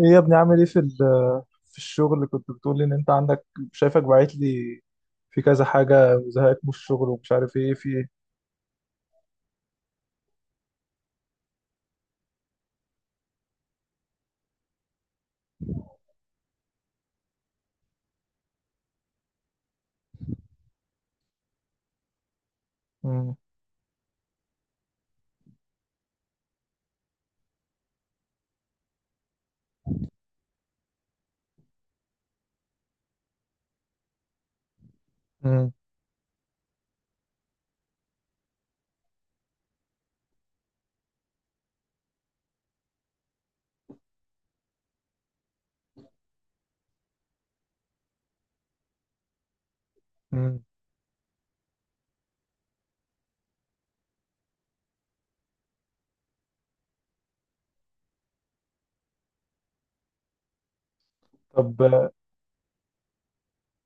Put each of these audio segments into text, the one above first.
ايه يا ابني، عامل ايه في في الشغل اللي كنت بتقول لي ان انت عندك؟ شايفك باعت لي في كذا حاجه وزهقت من الشغل ومش عارف ايه في ايه. مم. مم. مم. طب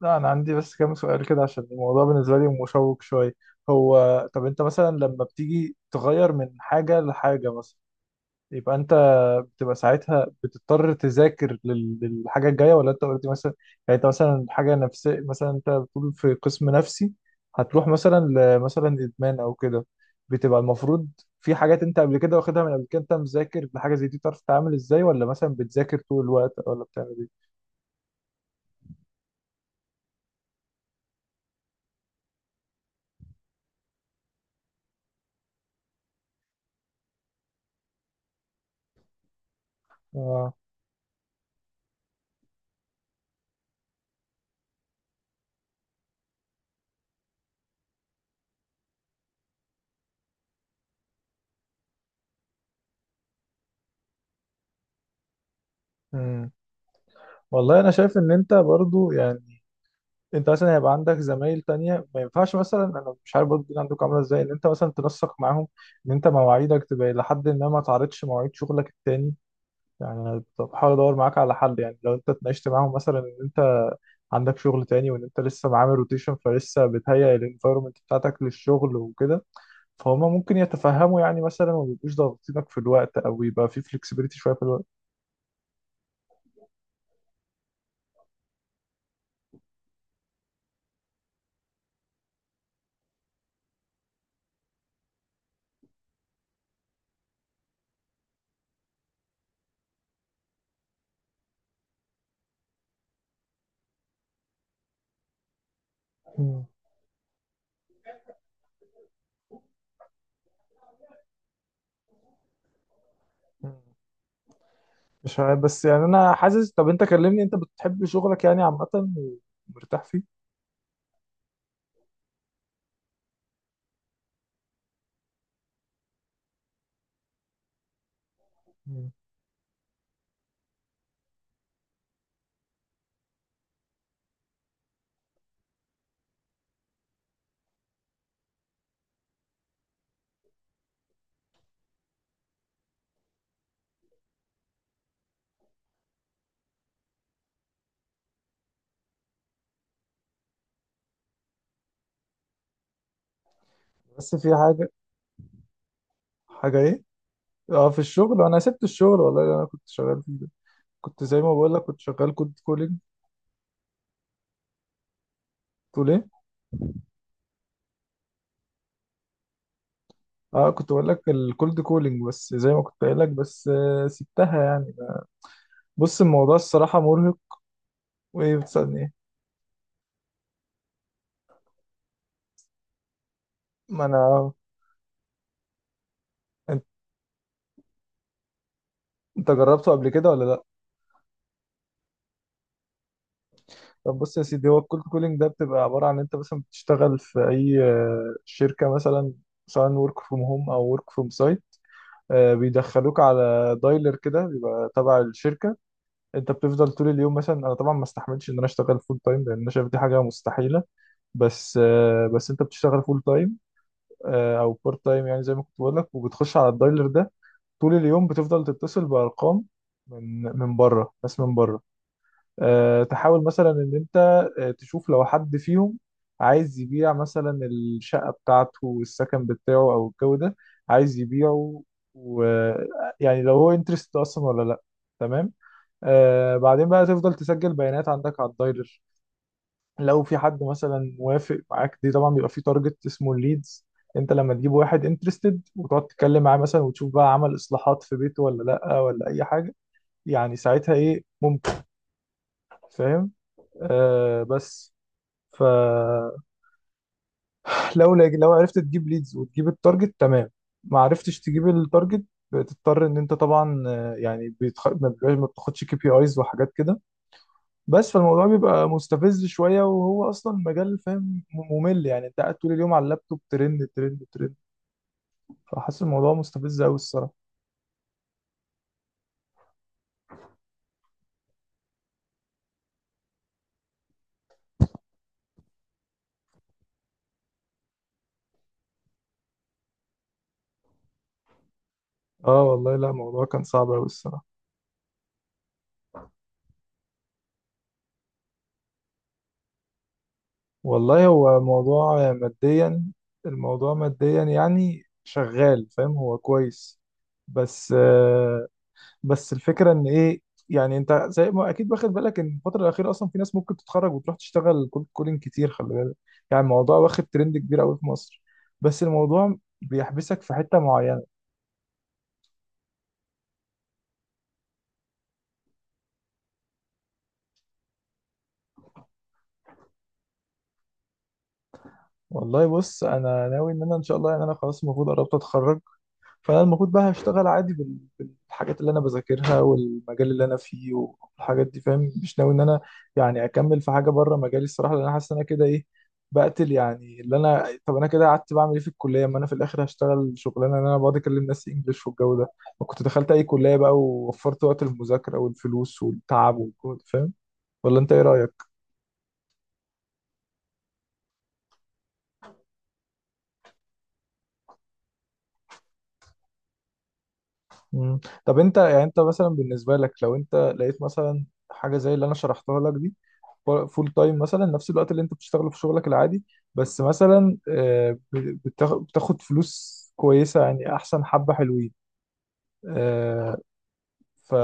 لا انا عندي بس كام سؤال كده عشان الموضوع بالنسبه لي مشوق شويه. هو، طب انت مثلا لما بتيجي تغير من حاجه لحاجه مثلا، يبقى انت بتبقى ساعتها بتضطر تذاكر للحاجه الجايه، ولا انت قلت مثلا، يعني انت مثلا حاجه نفسيه، مثلا انت بتقول في قسم نفسي هتروح مثلا لمثلا ادمان او كده، بتبقى المفروض في حاجات انت قبل كده واخدها؟ من قبل كده انت مذاكر لحاجه زي دي تعرف تتعامل ازاي، ولا مثلا بتذاكر طول الوقت، ولا بتعمل ايه؟ اه. امم والله انا شايف ان انت برضو يعني انت مثلا هيبقى عندك زمايل تانية. ما ينفعش مثلا، انا مش عارف برضه الدنيا عندكم عامله ازاي، ان انت مثلا تنسق معاهم ان انت مواعيدك تبقى الى حد ما ما تعرضش مواعيد شغلك التاني. يعني انا بحاول ادور معاك على حل، يعني لو انت اتناقشت معاهم مثلا ان انت عندك شغل تاني وان انت لسه معامل روتيشن فلسه بتهيئ الانفايرمنت بتاعتك للشغل وكده، فهم ممكن يتفهموا يعني مثلا، وما يبقوش ضاغطينك في الوقت او يبقى في فلكسبيتي شويه في الوقت. مم. مش عارف بس يعني انا حاسس. طب انت كلمني، انت بتحب شغلك يعني عامه ومرتاح فيه؟ مم. بس في حاجة. حاجة ايه؟ اه، في الشغل، انا سبت الشغل والله اللي انا كنت شغال فيه ده. كنت زي ما بقول لك، كنت شغال كولد كولينج. تقول ايه؟ اه، كنت بقول لك الكولد كولينج، بس زي ما كنت قايل لك، بس سبتها يعني. بص، الموضوع الصراحة مرهق. وايه، بتسألني ايه؟ ما انا. انت انت جربته قبل كده ولا لا؟ طب بص يا سيدي، هو الكولد كولينج ده بتبقى عبارة عن انت مثلا بتشتغل في اي شركة مثلا، سواء ورك فروم هوم او ورك فروم سايت. بيدخلوك على دايلر كده بيبقى تبع الشركة. انت بتفضل طول اليوم، مثلا انا طبعا ما استحملش ان انا اشتغل فول تايم لان انا شايف دي حاجه مستحيله، بس بس انت بتشتغل فول تايم او بارت تايم يعني زي ما كنت بقول لك، وبتخش على الدايلر ده طول اليوم بتفضل تتصل بارقام، من بره، ناس من بره، تحاول مثلا ان انت تشوف لو حد فيهم عايز يبيع مثلا الشقه بتاعته، السكن بتاعه او الجو ده عايز يبيعه، ويعني لو هو انترست اصلا ولا لا. تمام. آه بعدين بقى تفضل تسجل بيانات عندك على الدايلر، لو في حد مثلا وافق معاك. دي طبعا بيبقى في تارجت اسمه الليدز، انت لما تجيب واحد انترستد وتقعد تتكلم معاه مثلا وتشوف بقى عمل اصلاحات في بيته ولا لا ولا اي حاجه، يعني ساعتها ايه ممكن، فاهم. آه بس، فلو لو عرفت تجيب ليدز وتجيب التارجت تمام، ما عرفتش تجيب التارجت، بتضطر ان انت طبعا يعني بيتخ... ما بيبقاش- ما بتاخدش كي بي ايز وحاجات كده. بس فالموضوع بيبقى مستفز شوية، وهو أصلا مجال فاهم ممل يعني، أنت قاعد طول اليوم على اللابتوب، ترند ترند ترند، فحاسس الموضوع مستفز أوي الصراحة. آه والله، لا الموضوع كان صعب أوي الصراحة. والله هو موضوع ماديا، الموضوع ماديا يعني شغال فاهم هو كويس، بس آه، بس الفكره ان ايه، يعني انت زي ما اكيد واخد بالك ان الفتره الاخيره اصلا في ناس ممكن تتخرج وتروح تشتغل كولد كولينج كتير، خلي بالك، يعني الموضوع واخد ترند كبير قوي في مصر، بس الموضوع بيحبسك في حته معينه. والله بص، انا ناوي ان انا ان شاء الله يعني انا خلاص المفروض قربت اتخرج، فانا المفروض بقى هشتغل عادي الحاجات اللي انا بذاكرها والمجال اللي انا فيه والحاجات دي فاهم. مش ناوي ان انا يعني اكمل في حاجه بره مجالي الصراحه، لان انا حاسس ان انا كده ايه بقتل، يعني اللي انا، طب انا كده قعدت بعمل ايه في الكليه، ما انا في الاخر هشتغل شغلانه ان انا بقعد اكلم ناس انجلش والجو ده؟ ما كنت دخلت اي كليه بقى، ووفرت وقت المذاكره والفلوس والتعب والجهد، فاهم. ولا انت ايه رايك؟ مم. طب انت يعني، انت مثلا بالنسبه لك، لو انت لقيت مثلا حاجه زي اللي انا شرحتها لك دي فول تايم مثلا، نفس الوقت اللي انت بتشتغله في شغلك العادي، بس مثلا بتاخد فلوس كويسة، يعني احسن، حبة حلوين آه، ف...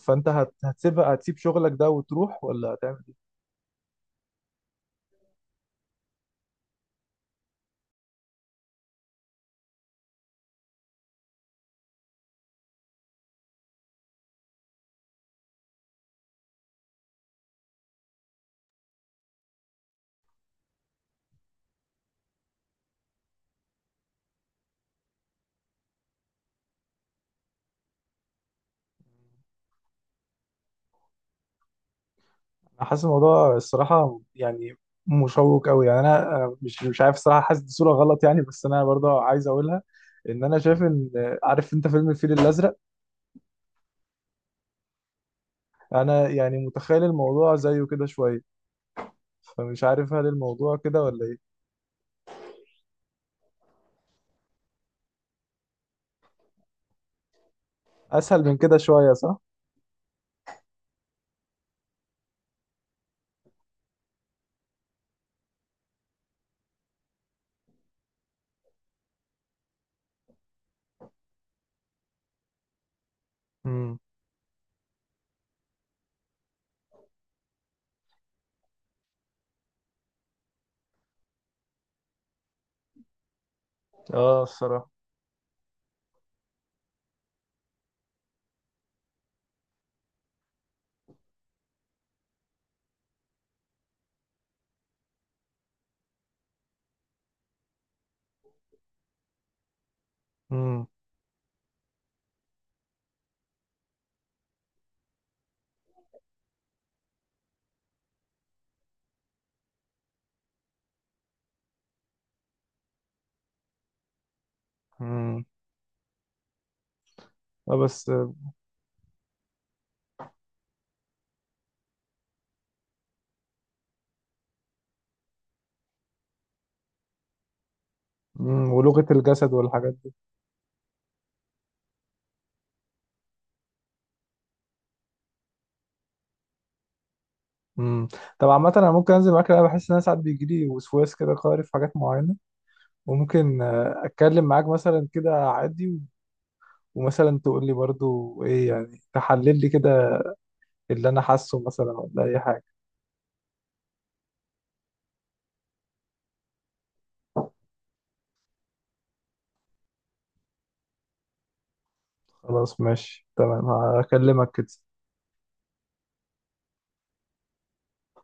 فانت هتسيبها، هتسيب شغلك ده وتروح ولا هتعمل ايه؟ انا حاسس الموضوع الصراحة يعني مشوق قوي، يعني انا مش عارف الصراحة، حاسس دي صورة غلط يعني، بس انا برضه عايز اقولها ان انا شايف ان عارف انت فيلم الفيل الازرق؟ انا يعني متخيل الموضوع زيه كده شوية، فمش عارف هل الموضوع كده ولا ايه. اسهل من كده شويه صح؟ امم اه الصراحه. امم امم آه بس. ولغه الجسد والحاجات دي. امم طب عامه، انا ممكن انزل معاك، انا بحس ان انا ساعات بيجي لي وسواس كده قهري في حاجات معينه. وممكن اتكلم معاك مثلا كده عادي ومثلا تقول لي برضو ايه يعني، تحلل لي كده اللي انا حاسه مثلا ولا اي حاجه. خلاص ماشي تمام، هكلمك كده.